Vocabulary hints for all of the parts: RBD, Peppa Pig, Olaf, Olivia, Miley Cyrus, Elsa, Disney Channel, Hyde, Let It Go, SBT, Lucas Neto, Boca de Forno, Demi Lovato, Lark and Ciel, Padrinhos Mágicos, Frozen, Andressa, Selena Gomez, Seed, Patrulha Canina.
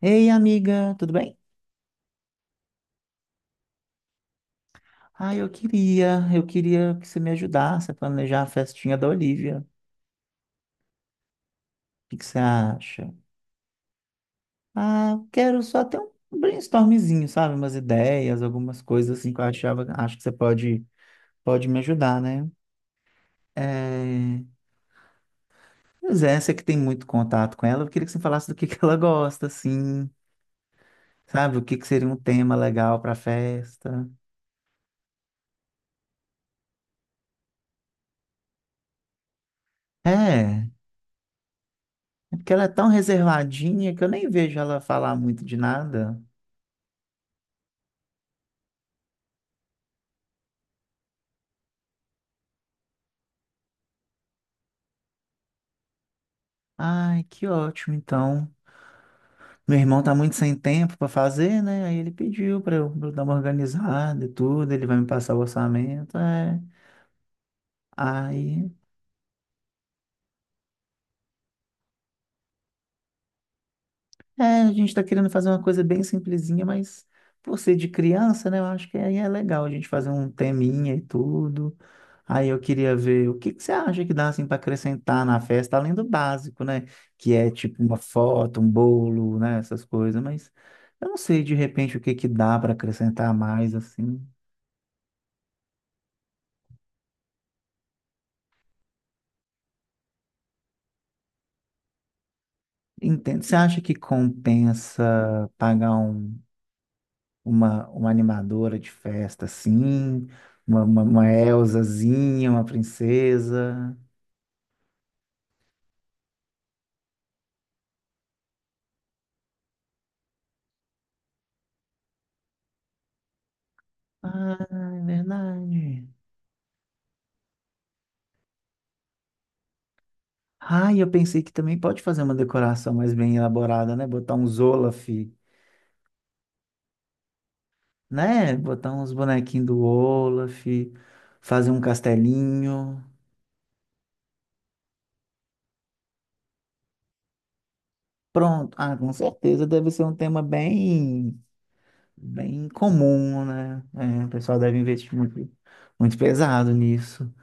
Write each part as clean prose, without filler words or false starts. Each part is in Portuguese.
Ei, amiga, tudo bem? Ah, eu queria que você me ajudasse a planejar a festinha da Olivia. O que que você acha? Ah, quero só ter um brainstormzinho, sabe? Umas ideias, algumas coisas assim que eu achava, acho que você pode me ajudar, né? É... Pois é, você que tem muito contato com ela, eu queria que você falasse do que ela gosta, assim, sabe? O que que seria um tema legal para festa. É, é, porque ela é tão reservadinha que eu nem vejo ela falar muito de nada. Ai, que ótimo, então. Meu irmão tá muito sem tempo para fazer, né? Aí ele pediu pra eu dar uma organizada e tudo, ele vai me passar o orçamento, é. Aí é, a gente está querendo fazer uma coisa bem simplesinha, mas por ser de criança, né? Eu acho que aí é legal a gente fazer um teminha e tudo. Aí eu queria ver o que que você acha que dá assim para acrescentar na festa, além do básico, né? Que é tipo uma foto, um bolo, né? Essas coisas, mas eu não sei de repente o que que dá para acrescentar mais assim. Entende? Você acha que compensa pagar uma animadora de festa, assim, uma Elsazinha, uma princesa. Ah, é verdade. Ah, e eu pensei que também pode fazer uma decoração mais bem elaborada, né? Botar uns Olaf, né? Botar uns bonequinhos do Olaf, fazer um castelinho. Pronto. Ah, com certeza deve ser um tema bem comum, né? É, o pessoal deve investir muito, muito pesado nisso.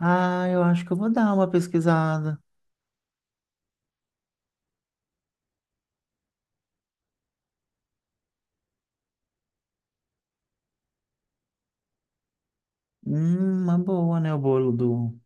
Ah, eu acho que eu vou dar uma pesquisada. Uma boa, né? O bolo do.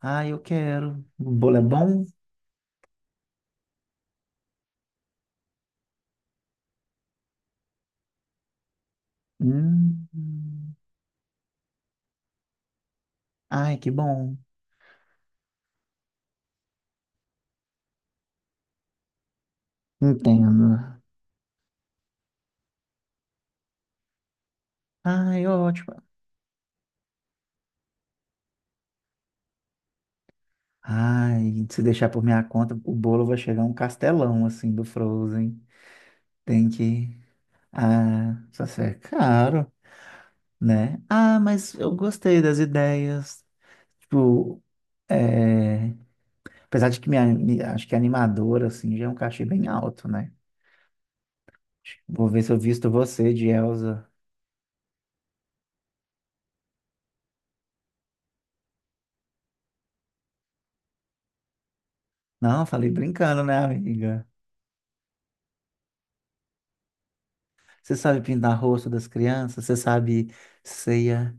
Ah, eu quero. O bolo é bom? Hum. Ai, que bom. Entendo. Ai, ótimo. Ai, se deixar por minha conta, o bolo vai chegar um castelão, assim, do Frozen. Tem que. Ah, só se é caro, né? Ah, mas eu gostei das ideias. Tipo, é... apesar de que minha, acho que a animadora, assim, já é um cachê bem alto, né? Vou ver se eu visto você de Elsa. Não, falei brincando, né, amiga? Você sabe pintar rosto das crianças? Você ia.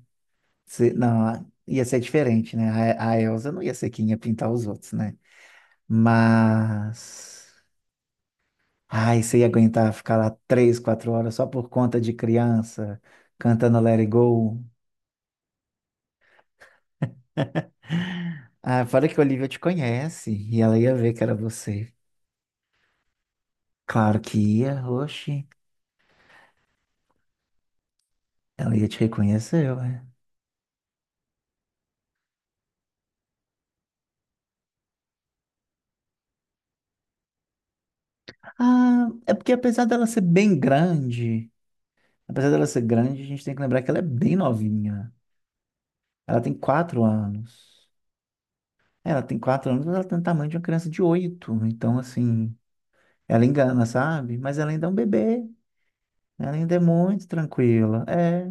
Não, ia ser diferente, né? A Elsa não ia ser quem ia pintar os outros, né? Mas. Ai, você ia aguentar ficar lá 3, 4 horas só por conta de criança, cantando Let It Go. Ah, fora que a Olivia te conhece e ela ia ver que era você. Claro que ia, oxe. Ela ia te reconhecer. Ah, é porque apesar dela ser grande, a gente tem que lembrar que ela é bem novinha. Ela tem 4 anos. É, ela tem 4 anos, mas ela tem o tamanho de uma criança de 8. Então, assim, ela engana, sabe? Mas ela ainda é um bebê. Né? Ela ainda é muito tranquila. É,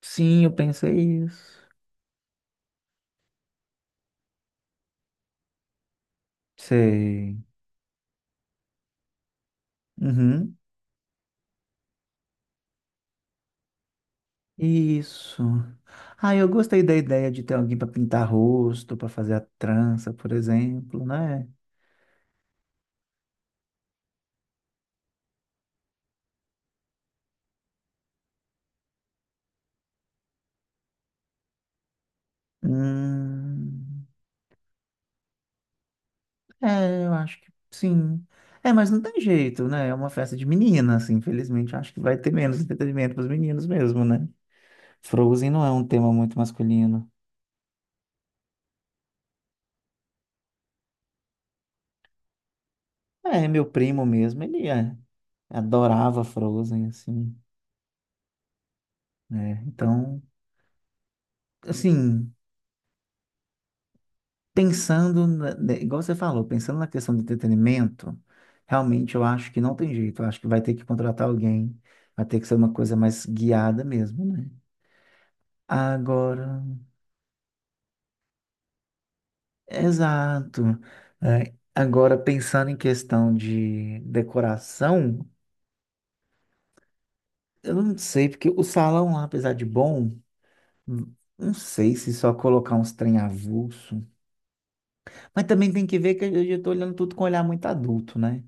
sim, eu pensei isso. Sei. Uhum. Isso. Ah, eu gostei da ideia de ter alguém para pintar rosto, para fazer a trança, por exemplo, né? Hum. É, eu acho que sim. É, mas não tem jeito, né? É uma festa de meninas, assim, infelizmente. Acho que vai ter menos entretenimento para os meninos mesmo, né? Frozen não é um tema muito masculino. É, meu primo mesmo, adorava Frozen, assim, né? Então, assim, pensando, né, igual você falou, pensando na questão do entretenimento, realmente eu acho que não tem jeito. Eu acho que vai ter que contratar alguém, vai ter que ser uma coisa mais guiada mesmo, né? Agora. Exato. É, agora, pensando em questão de decoração, eu não sei, porque o salão lá, apesar de bom, não sei se só colocar uns trem avulso. Mas também tem que ver que eu já tô olhando tudo com um olhar muito adulto, né?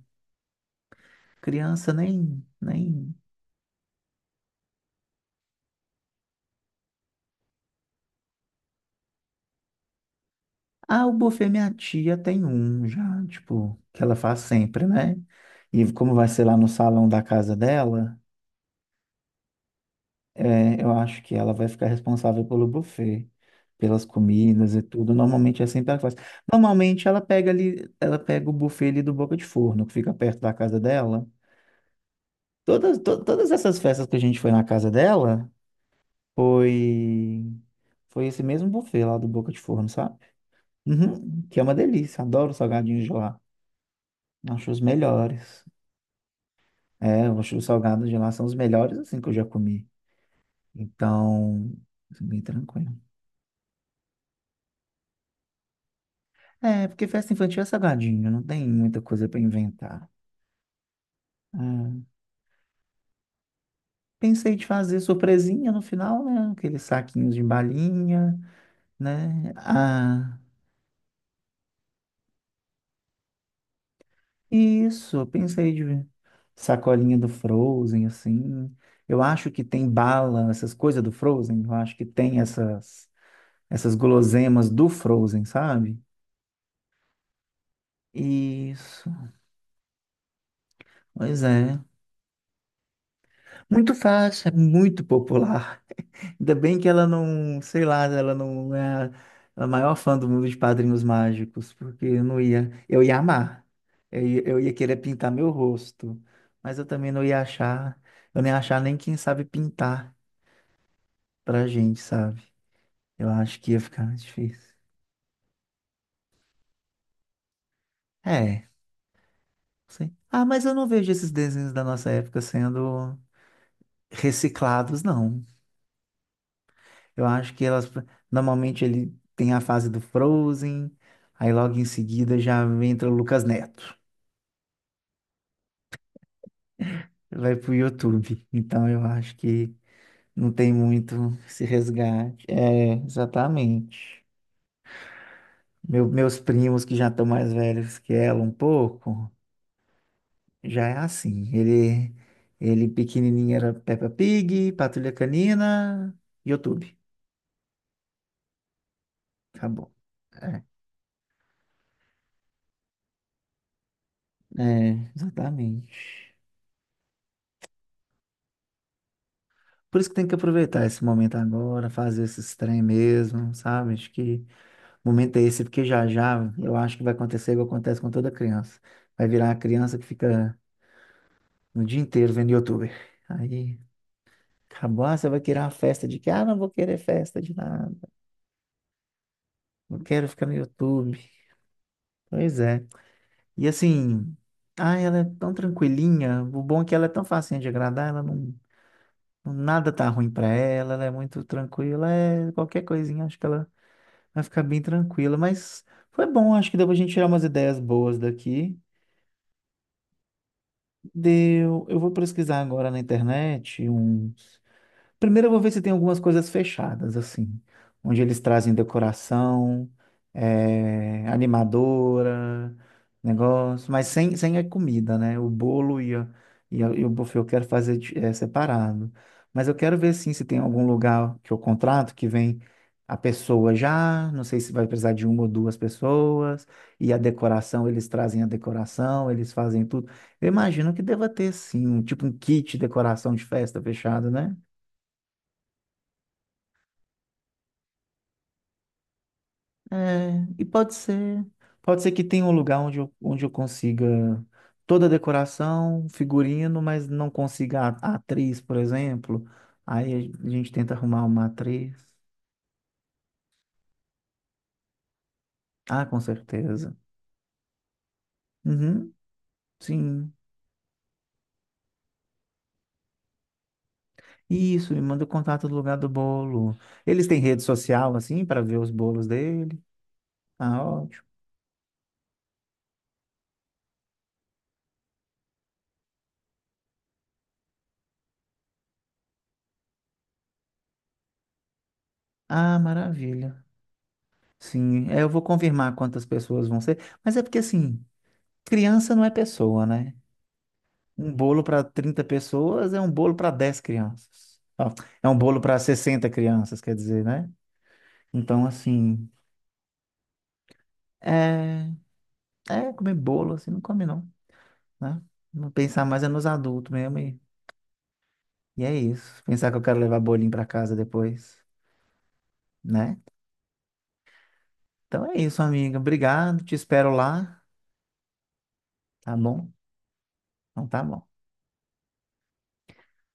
Criança nem... Ah, o buffet minha tia tem um já, tipo, que ela faz sempre, né? E como vai ser lá no salão da casa dela... É, eu acho que ela vai ficar responsável pelo buffet, pelas comidas e tudo. Normalmente é sempre ela faz. Normalmente ela pega ali, ela pega o buffet ali do Boca de Forno, que fica perto da casa dela. Todas essas festas que a gente foi na casa dela, foi foi esse mesmo buffet lá do Boca de Forno, sabe? Uhum, que é uma delícia, adoro os salgadinhos de lá. Acho os melhores. É, eu acho os salgados de lá são os melhores assim que eu já comi. Então, assim, bem tranquilo. É, porque festa infantil é salgadinho, não tem muita coisa para inventar. É, pensei de fazer surpresinha no final, né? Aqueles saquinhos de balinha, né? Ah, isso, eu pensei de sacolinha do Frozen, assim. Eu acho que tem bala, essas coisas do Frozen, eu acho que tem essas guloseimas do Frozen, sabe? Isso, pois é. Muito fácil, é muito popular. Ainda bem que ela não, sei lá, ela não é a maior fã do mundo de Padrinhos Mágicos, porque eu não ia, eu ia amar. Eu ia querer pintar meu rosto, mas eu nem ia achar nem quem sabe pintar pra gente, sabe? Eu acho que ia ficar mais difícil. É, sim. Ah, mas eu não vejo esses desenhos da nossa época sendo reciclados, não. Eu acho que normalmente ele tem a fase do Frozen, aí logo em seguida já entra o Lucas Neto. Vai pro YouTube. Então eu acho que não tem muito esse resgate. É, exatamente. Meus primos que já estão mais velhos que ela um pouco, já é assim. Ele pequenininho era Peppa Pig, Patrulha Canina, YouTube. Acabou. É, é, exatamente. Por isso que tem que aproveitar esse momento agora, fazer esses trem mesmo, sabe? Acho que o momento é esse, porque já já eu acho que vai acontecer igual acontece com toda criança. Vai virar a criança que fica no dia inteiro vendo youtuber. Aí acabou, ah, você vai querer uma festa de que? Ah, não vou querer festa de nada. Não quero ficar no YouTube. Pois é. E assim, ah, ela é tão tranquilinha. O bom é que ela é tão facinha de agradar, ela não, nada tá ruim pra ela, ela é muito tranquila, é qualquer coisinha, acho que ela vai ficar bem tranquila, mas foi bom, acho que deu pra gente tirar umas ideias boas daqui. Deu. Eu vou pesquisar agora na internet um. Primeiro eu vou ver se tem algumas coisas fechadas, assim, onde eles trazem decoração, animadora, negócio, mas sem a comida, né? O bolo e o buffet eu quero fazer separado. Mas eu quero ver, sim, se tem algum lugar que eu contrato que vem a pessoa já, não sei se vai precisar de uma ou duas pessoas, e a decoração, eles trazem a decoração, eles fazem tudo. Eu imagino que deva ter, sim, um, tipo um kit de decoração de festa fechado, né? É, e pode ser que tenha um lugar onde eu consiga toda a decoração, figurino, mas não consiga a atriz, por exemplo. Aí a gente tenta arrumar uma atriz. Ah, com certeza. Uhum, sim. Isso, me manda o contato do lugar do bolo. Eles têm rede social, assim, para ver os bolos dele. Ah, ótimo. Ah, maravilha. Sim, é, eu vou confirmar quantas pessoas vão ser, mas é porque, assim, criança não é pessoa, né? Um bolo para 30 pessoas é um bolo para 10 crianças. Ó, é um bolo para 60 crianças, quer dizer, né? Então, assim, é, é comer bolo, assim, não come não, né? Não, pensar mais é nos adultos mesmo e é isso. Pensar que eu quero levar bolinho para casa depois, né? Então é isso, amiga. Obrigado, te espero lá, tá bom? Então tá bom.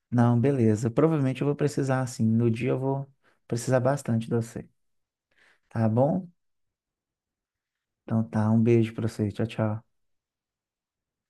Não, beleza. Provavelmente eu vou precisar, assim, no dia eu vou precisar bastante de você, tá bom? Então tá, um beijo pra você. Tchau, tchau.